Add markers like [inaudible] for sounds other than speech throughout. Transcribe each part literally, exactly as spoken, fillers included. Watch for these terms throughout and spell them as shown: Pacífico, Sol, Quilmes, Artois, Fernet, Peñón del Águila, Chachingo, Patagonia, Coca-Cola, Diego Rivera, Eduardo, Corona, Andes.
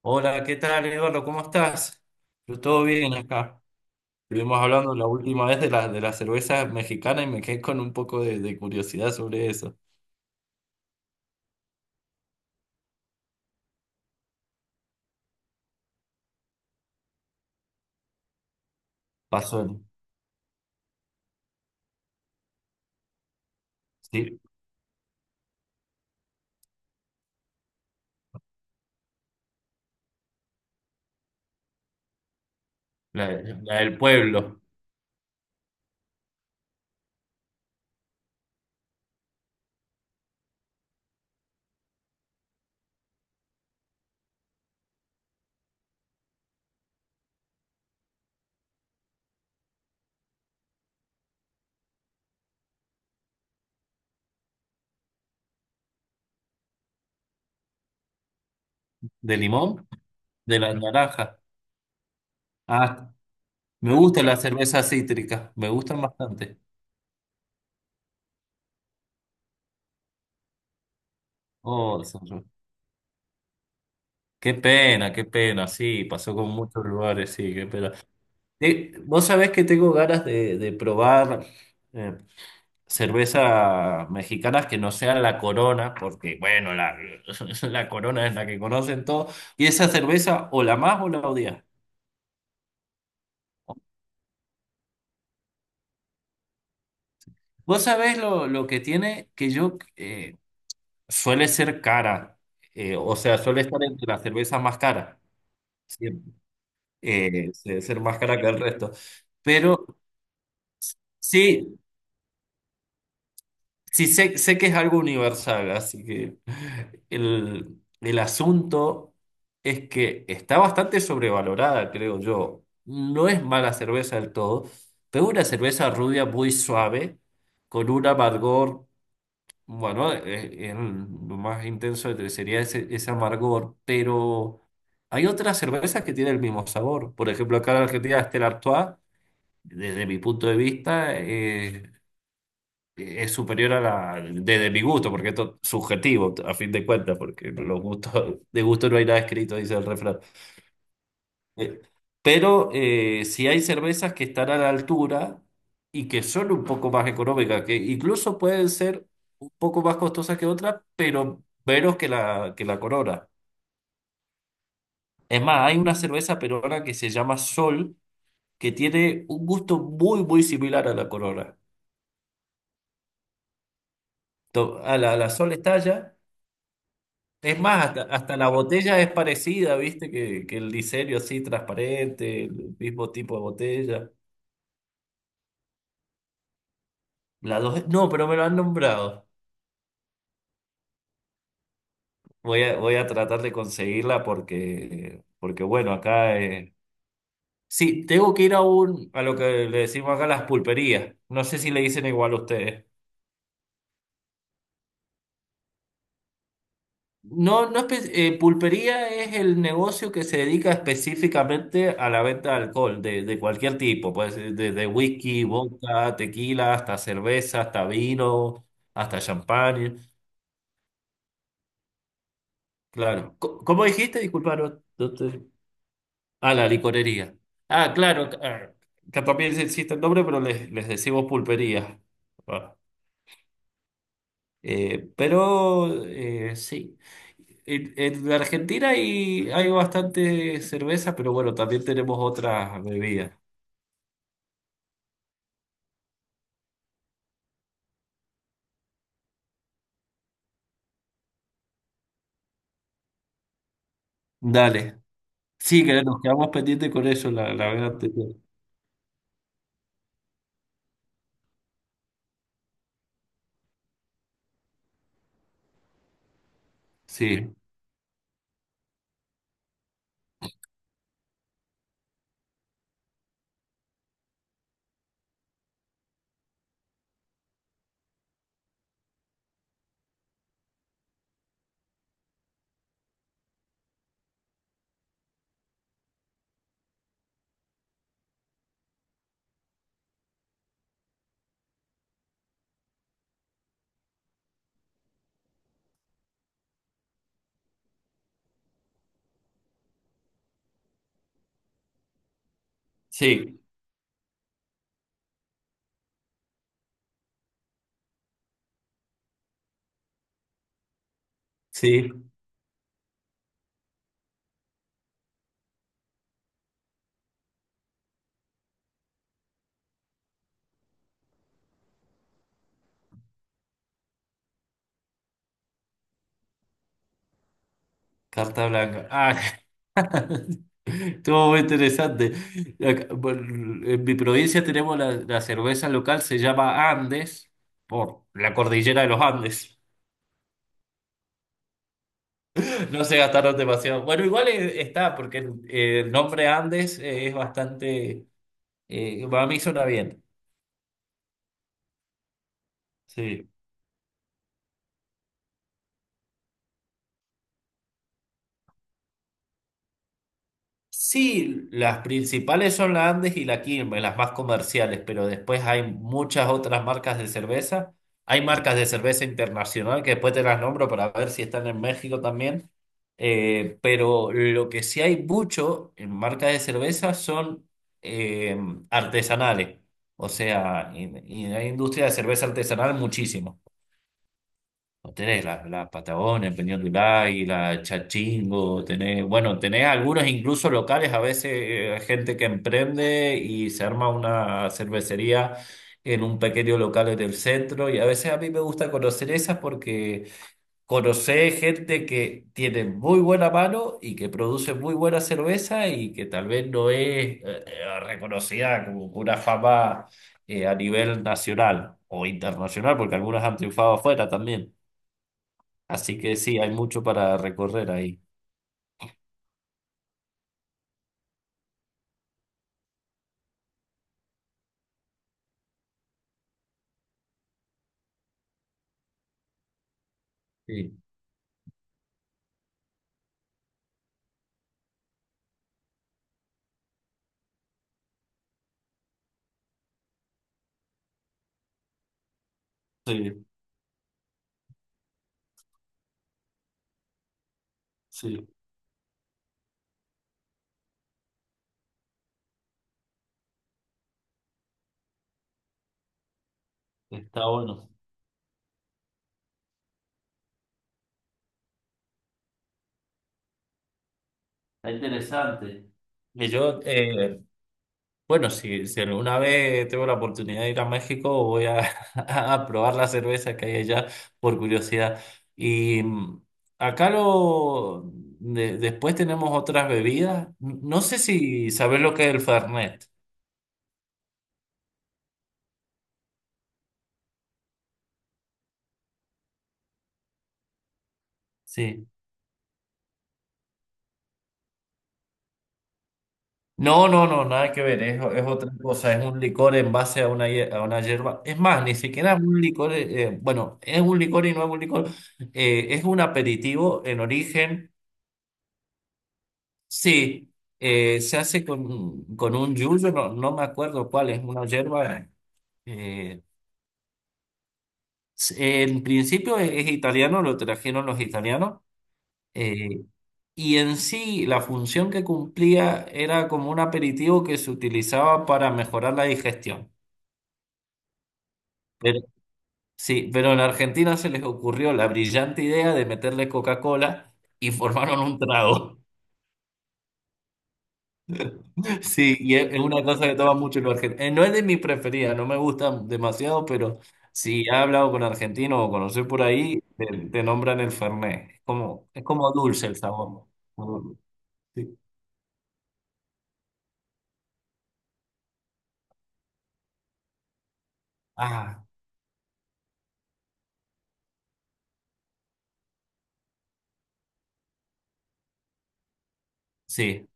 Hola, ¿qué tal, Eduardo? ¿Cómo estás? Yo todo bien acá. Estuvimos hablando la última vez de la, de la cerveza mexicana y me quedé con un poco de, de curiosidad sobre eso. Pasó, ¿sí? La, la del pueblo. ¿De limón? De la naranja. Ah, me gusta la cerveza cítrica. Me gustan bastante. Oh, son- Qué pena, qué pena. Sí, pasó con muchos lugares, sí, qué pena. Eh, vos sabés que tengo ganas de, de probar eh, cervezas mexicanas que no sean la Corona, porque bueno, la, [laughs] la Corona es la que conocen todos, y esa cerveza o la más o la odias. Vos sabés lo, lo que tiene, que yo eh, suele ser cara, eh, o sea, suele estar entre las cervezas más caras, siempre, eh, se- ser más cara que el resto. Pero sí, sí, sé, sé que es algo universal, así que el, el asunto es que está bastante sobrevalorada, creo yo. No es mala cerveza del todo, pero es una cerveza rubia muy suave, con un amargor, bueno, eh, eh, lo más intenso de- sería ese, ese amargor, pero hay otras cervezas que tienen el mismo sabor. Por ejemplo, acá en Argentina, está el Artois, desde mi punto de vista, es superior a la, desde mi gusto, porque esto es subjetivo, a fin de cuentas, porque los gustos, de gusto no hay nada escrito, dice el refrán. Eh, pero eh, si hay cervezas que están a la altura y que son un poco más económicas, que incluso pueden ser un poco más costosas que otras, pero menos que la, que la Corona. Es más, hay una cerveza peruana que se llama Sol, que tiene un gusto muy, muy similar a la Corona. To- A la, la Sol Estalla. Es más, hasta, hasta la botella es parecida, ¿viste? Que, que el diseño así transparente, el mismo tipo de botella. La dos, no, pero me lo han nombrado. Voy a, voy a tratar de conseguirla porque, porque bueno, acá... eh, sí, tengo que ir a un, a lo que le decimos acá las pulperías. No sé si le dicen igual a ustedes. No, no espe- eh, Pulpería es el negocio que se dedica específicamente a la venta de alcohol, de, de cualquier tipo, pues eh, desde whisky, vodka, tequila, hasta cerveza, hasta vino, hasta champán, claro. Co- ¿Cómo dijiste? Disculpa, no, no te- Ah, la licorería. Ah, claro, ah, que también existe el nombre, pero les, les decimos pulpería. Ah. Eh, pero eh, sí, en, en Argentina hay, hay bastante cerveza, pero bueno, también tenemos otras bebidas. Dale. Sí, que nos quedamos pendientes con eso la, la vez anterior. Sí, sí, sí, carta blanca. Ah, [laughs] estuvo muy interesante. Acá, bueno, en mi provincia tenemos la, la cerveza local, se llama Andes, por la cordillera de los Andes. No se gastaron demasiado. Bueno, igual eh, está, porque el, eh, el nombre Andes eh, es bastante. Eh, a mí suena bien. Sí. Sí, las principales son la Andes y la Quilmes, las más comerciales, pero después hay muchas otras marcas de cerveza. Hay marcas de cerveza internacional que después te las nombro para ver si están en México también. Eh, pero lo que sí hay mucho en marcas de cerveza son eh, artesanales. O sea, y y hay industria de cerveza artesanal muchísimo. O tenés la, la Patagonia, el Peñón del Águila, Chachingo, tenés, bueno, tenés algunos incluso locales, a veces eh, gente que emprende y se arma una cervecería en un pequeño local en el centro y a veces a mí me gusta conocer esas porque conocés gente que tiene muy buena mano y que produce muy buena cerveza y que tal vez no es eh, eh, reconocida como con una fama eh, a nivel nacional o internacional porque algunas han triunfado afuera también. Así que sí, hay mucho para recorrer ahí. Sí, sí, sí, está bueno, está interesante. Y yo, eh, bueno, si, si alguna vez tengo la oportunidad de ir a México, voy a, [laughs] a probar la cerveza que hay allá por curiosidad. Y mm, Acá lo, de- después tenemos otras bebidas. No sé si sabes lo que es el Fernet. Sí. No, no, no, nada que ver, es, es otra cosa, es un licor en base a una, hier- a una hierba. Es más, ni siquiera es un licor, eh, eh, bueno, es un licor y no es un licor, eh, es un aperitivo en origen, sí, eh, se hace con, con un yuyo, no, no me acuerdo cuál, es una hierba. eh, s- en principio es, es italiano, lo trajeron los italianos, eh, y en sí la función que cumplía era como un aperitivo que se utilizaba para mejorar la digestión. Sí, pero en Argentina se les ocurrió la brillante idea de meterle Coca-Cola y formaron un trago. [laughs] Sí, y es es una cosa que toma mucho los argentinos. No es de mi preferida, no me gusta demasiado, pero si he hablado con argentinos o conocí por ahí, te, te nombran el Fernet. Es como, es como dulce el sabor. ¿No? Como dulce. Sí. Ah, sí.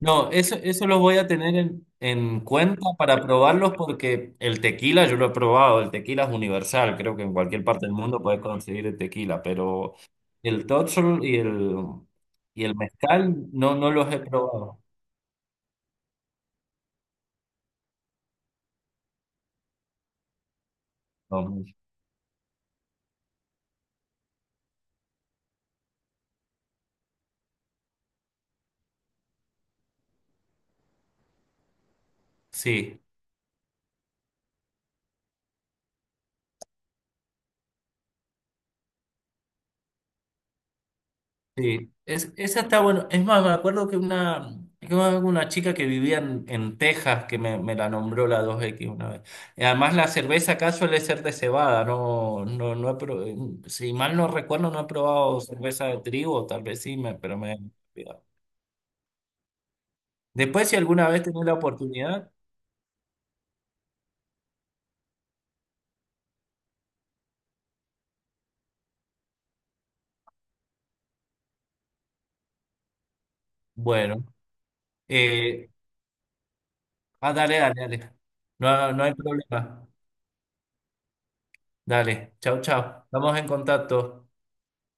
No, eso, eso lo voy a tener en, en cuenta para probarlos porque el tequila yo lo he probado, el tequila es universal, creo que en cualquier parte del mundo puedes conseguir el tequila, pero el totxol y el, y el mezcal no, no los he probado. No, sí. Sí, es, esa está bueno. Es más, me acuerdo que una, que una una chica que vivía en, en Texas que me, me la nombró la dos x una vez. Y además la cerveza acá suele ser de cebada, no, no, no he pro- si mal no recuerdo, no he probado cerveza de trigo, tal vez sí, me, pero me he olvidado. Después, si alguna vez tenés la oportunidad, bueno. Eh, ah, Dale, dale, dale. No, no hay problema. Dale, chao, chao. Estamos en contacto.